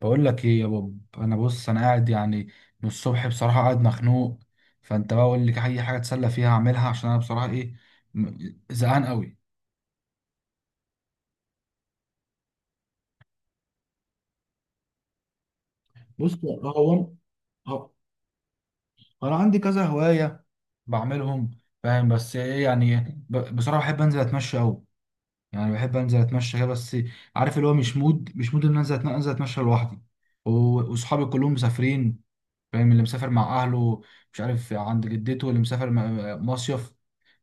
بقول لك ايه يا بوب. انا بص انا قاعد يعني من الصبح بصراحه قاعد مخنوق. فانت بقى قول لي اي حاجه اتسلى فيها اعملها عشان انا بصراحه ايه، زهقان قوي. بص، هو هو- انا عندي كذا هوايه بعملهم. فاهم؟ بس ايه يعني بصراحه بحب انزل اتمشى قوي. يعني بحب انزل اتمشى كده بس. عارف اللي هو مش مود ان أنا انزل انزل اتمشى لوحدي. و- واصحابي كلهم مسافرين. فاهم؟ اللي مسافر مع اهله، مش عارف، عند جدته، اللي مسافر مصيف.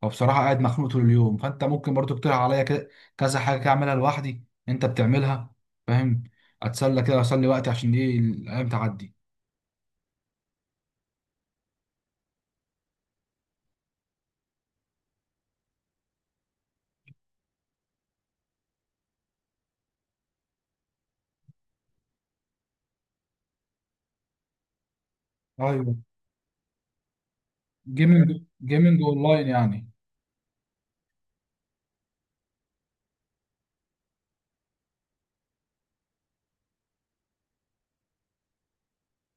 فبصراحه قاعد مخنوق طول اليوم. فانت ممكن برضو تقترح عليا كذا حاجه كده اعملها لوحدي انت بتعملها. فاهم؟ اتسلى كده، اسلي وقتي، عشان دي الايام تعدي. ايوه، جيمنج، جيمنج اونلاين يعني.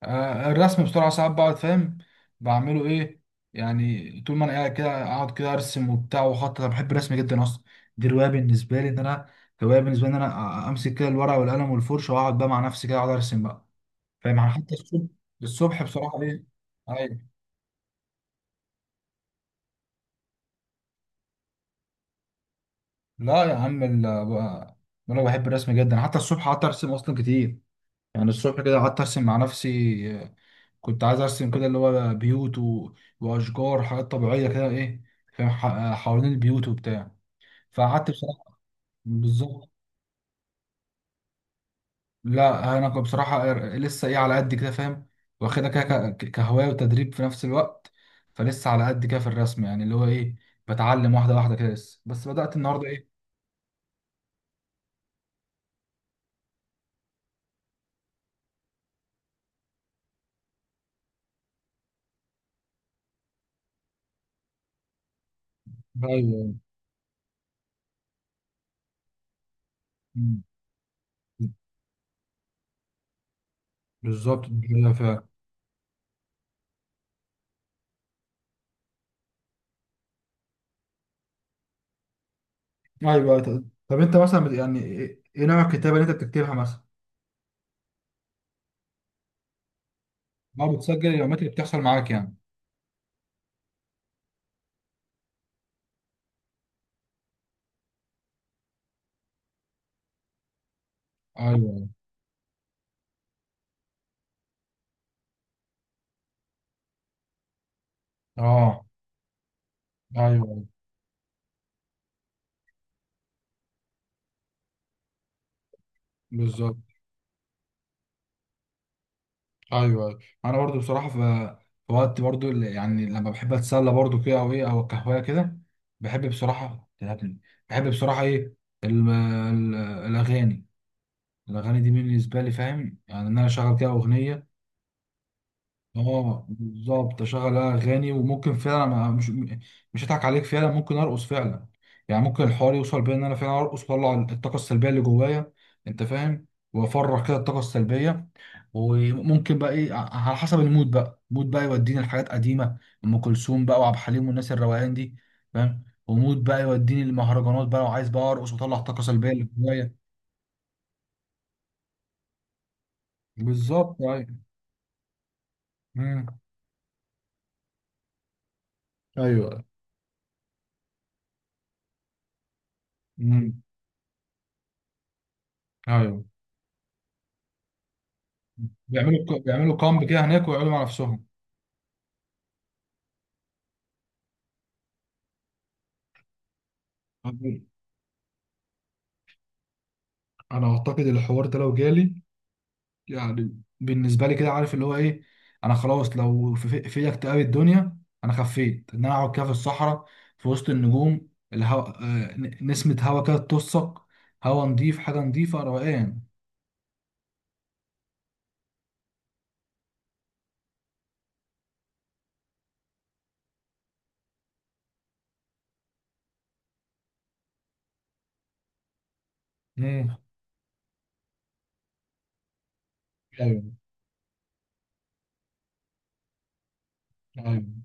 آه، الرسم بسرعة ساعات بقعد فاهم بعمله ايه. يعني طول ما انا قاعد كده اقعد كده ارسم وبتاع واخطط. انا بحب الرسم جدا اصلا. دي رواية بالنسبة لي ان انا، هواية بالنسبة لي ان انا امسك كده الورقة والقلم والفرشة واقعد بقى مع نفسي كده اقعد ارسم بقى. فاهم؟ يعني حتى الصبح، الصبح بصراحة ايه. ايوه. لا يا عم، بقول لك بحب الرسم جدا. حتى الصبح قعدت ارسم اصلا كتير. يعني الصبح كده قعدت ارسم مع نفسي. كنت عايز ارسم كده اللي هو بيوت و... واشجار، حاجات طبيعيه كده ايه. فاهم، حوالين البيوت وبتاع. فقعدت بصراحه. بالظبط. لا انا كنت بصراحه لسه ايه على قد كده فاهم. واخدها كده كهوايه وتدريب في نفس الوقت. فلسه على قد كده في الرسم. يعني اللي هو ايه، بتعلم واحده واحده كده لسه. بس بدات النهارده ايه. ايوه. أمم. بالظبط كده فعلا. ايوه طب انت مثلا يعني إيه نوع الكتابه اللي انت بتكتبها مثلا؟ ما بتسجل اليومات اللي بتحصل معاك يعني. ايوه، أيوه. اه. ايوه. بالظبط. ايوه، أيوة. انا برضو بصراحه في، في وقت برضو اللي، يعني لما بحب اتسلى برضو كده او ايه او القهوه كده. بحب بصراحه تلهبني. بحب بصراحه ايه، الاغاني. الاغاني دي بالنسبه لي فاهم. يعني ان انا اشغل كده اغنيه. اه بالظبط، اشغل اغاني. وممكن فعلا مش هضحك عليك، فعلا ممكن ارقص فعلا. يعني ممكن الحوار يوصل بيا ان انا فعلا ارقص واطلع الطاقه السلبيه اللي جوايا. انت فاهم. وافرغ كده الطاقه السلبيه. وممكن بقى ايه على حسب المود. بقى المود بقى يوديني لحاجات قديمه، ام كلثوم بقى وعبد الحليم والناس الروقان دي. فاهم. ومود بقى يوديني للمهرجانات بقى، وعايز بقى ارقص واطلع الطاقه السلبيه اللي جوايا. بالظبط، ايوه. مم. ايوه. مم. ايوه. بيعملوا كامب كده هناك ويقعدوا مع نفسهم. انا اعتقد الحوار ده لو جالي، يعني بالنسبه لي كده عارف اللي هو ايه، انا خلاص لو في اكتئاب الدنيا، انا خفيت ان انا اقعد كده في الصحراء، في وسط النجوم، الهوا آه، نسمه هوا كده تطسك. هوا نضيف، حاجه نضيفه، روقان. مم. ايوه. ايوه.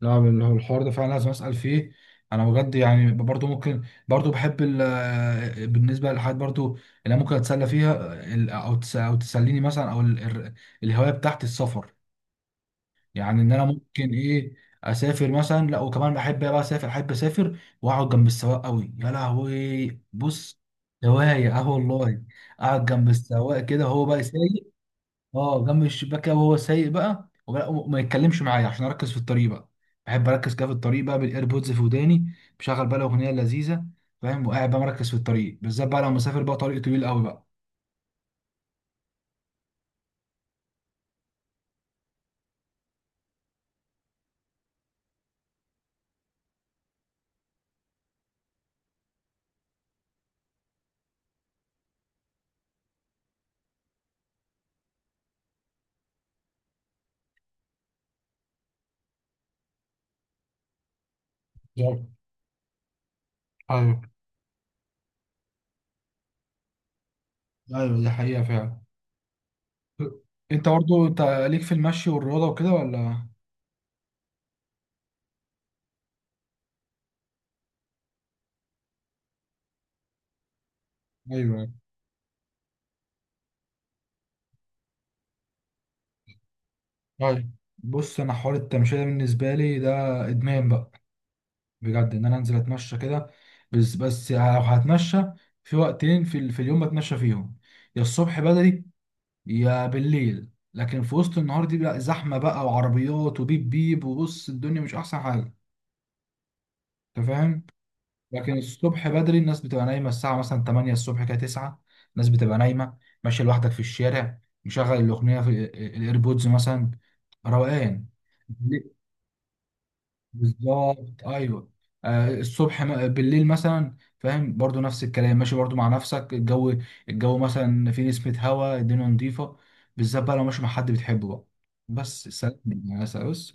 لا هو الحوار ده فعلا لازم اسال فيه. انا بجد يعني برضو ممكن، برضو بحب بالنسبه للحاجات برضو اللي أنا ممكن اتسلى فيها، او تسليني مثلا، او الهوايه بتاعت السفر. يعني ان انا ممكن ايه، اسافر مثلا. لا وكمان بحب بقى اسافر، احب اسافر واقعد جنب السواق قوي. يا لهوي بص، هوايه، اه والله. اقعد جنب السواق كده هو بقى. اه، جنب الشباك وهو سايق بقى، وما يتكلمش معايا عشان اركز في الطريق بقى. بحب اركز كده في الطريق بقى، بالايربودز في وداني بشغل بقى الاغنيه اللذيذه. فاهم. وقاعد بقى مركز في الطريق، بالذات بقى لو مسافر بقى طريق طويل قوي بقى. بالظبط، ايوه. ايوه، دي حقيقه فعلا. انت برضه انت ليك في المشي والرياضه وكده ولا؟ ايوه. ايوه. بص، انا حوار التمشيه ده بالنسبه لي ده ادمان بقى. بجد ان انا انزل اتمشى كده. بس بس لو هتمشى، في وقتين في اليوم بتمشى فيهم: يا الصبح بدري، يا بالليل. لكن في وسط النهار دي بقى زحمه بقى، وعربيات وبيب بيب، وبص الدنيا مش احسن حاجه. انت فاهم. لكن الصبح بدري الناس بتبقى نايمه، الساعه مثلا 8 الصبح كده، 9. الناس بتبقى نايمه. ماشي لوحدك في الشارع، مشغل الاغنيه في الايربودز مثلا، روقان. بالظبط، ايوه. آه الصبح بالليل مثلا فاهم برضو نفس الكلام، ماشي برضو مع نفسك، الجو، الجو مثلا في نسمة هواء، الدنيا نظيفة. بالذات بقى لو ماشي مع حد بتحبه بقى. بس سلام. يا سلام بس.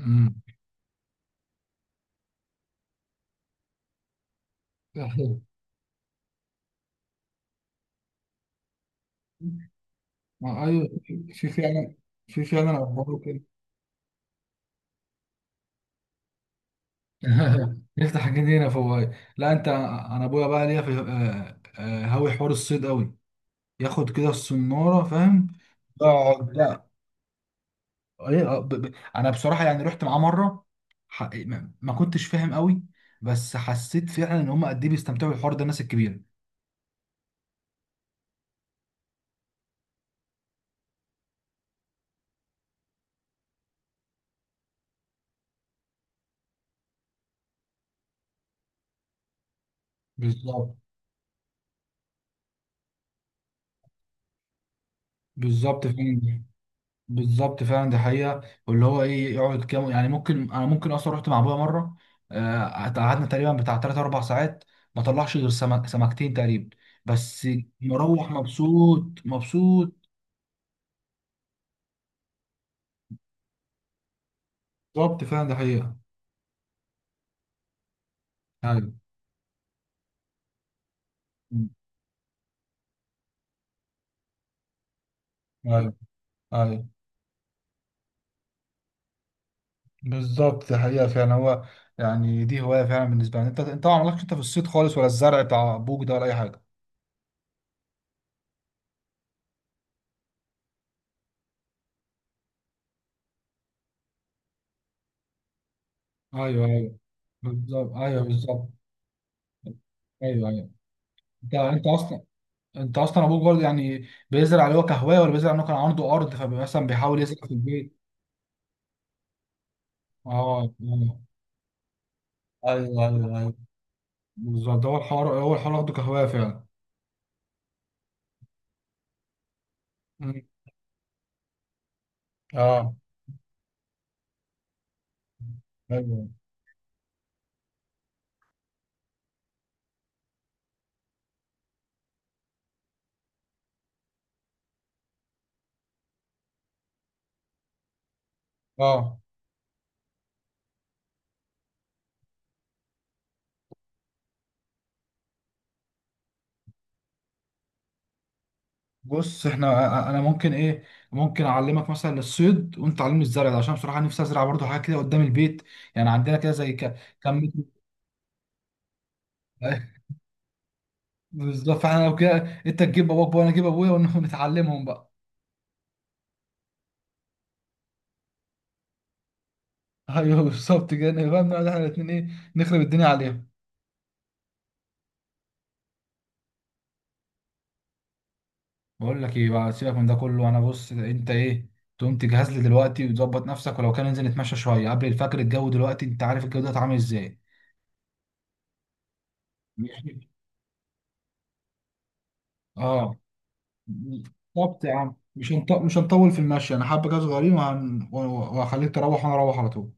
امم. ما ايوه. في فعلا، في فعلا اخبار كده. نفتح جنينه فوق، أيوه. لا انت انا ابويا بقى ليا في آه، آه، هاوي حوار الصيد قوي. ياخد كده الصناره فاهم. يقعد ايه آه، انا بصراحه يعني رحت معاه مره. ح... ما ما كنتش فاهم قوي. بس حسيت فعلا ان هم قد ايه بيستمتعوا بالحوار ده الناس الكبيره. بالظبط. بالظبط فعلا. بالظبط فعلا دي حقيقه. واللي هو ايه يقعد كام. يعني ممكن انا، ممكن اصلا رحت مع ابويا مره. آه، قعدنا تقريبا بتاع 3 4 ساعات. ما طلعش غير سمك... سمكتين تقريبا بس. مروح مبسوط، مبسوط. بالظبط فعلا دي حقيقه. ايوه. ايوه. ايوه. بالظبط ده حقيقة فعلا. هو يعني دي هواية فعلا بالنسبة لي. انت انت ما عملكش انت في الصيد خالص، ولا الزرع بتاع ابوك ده، ولا اي حاجة؟ ايوه. ايوه. بالظبط ايوه. بالظبط ايوه. ايوه. انت انت اصلا انت اصلا ابوك برضه يعني بيزرع اللي هو كهوايه، ولا بيزرع انه كان عنده ارض فمثلا بيحاول يزرع في البيت؟ اه، آه. ايوه ايوه ايوه. بالظبط، ده هو الحوار، هو الحوار واخده كهوايه فعلا. مم. اه. ايوه. اه. بص احنا، انا ممكن ايه، ممكن اعلمك مثلا الصيد وانت تعلمني الزرع ده، عشان بصراحه نفسي ازرع برضه حاجه كده قدام البيت. يعني عندنا كده زي كم متر- بالظبط. فاحنا لو كده، انت تجيب باباك وانا اجيب ابويا ونتعلمهم بقى. ايوه بالظبط كده. نبقى بنقعد احنا الاثنين ايه نخرب الدنيا عليهم. بقول لك ايه بقى، سيبك من ده كله. انا بص، انت ايه، تقوم تجهز لي دلوقتي وتظبط نفسك، ولو كان ننزل نتمشى شويه قبل الفجر، الجو دلوقتي انت عارف الجو ده عامل ازاي. ماشي. اه. بالظبط يا عم. مش هنطول في المشي. انا حابه كده صغيرين وهخليك تروح وانا اروح على طول.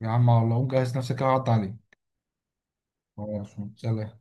يا عم والله قوم جهز نفسك كده، عدى عليك. خلاص سلام.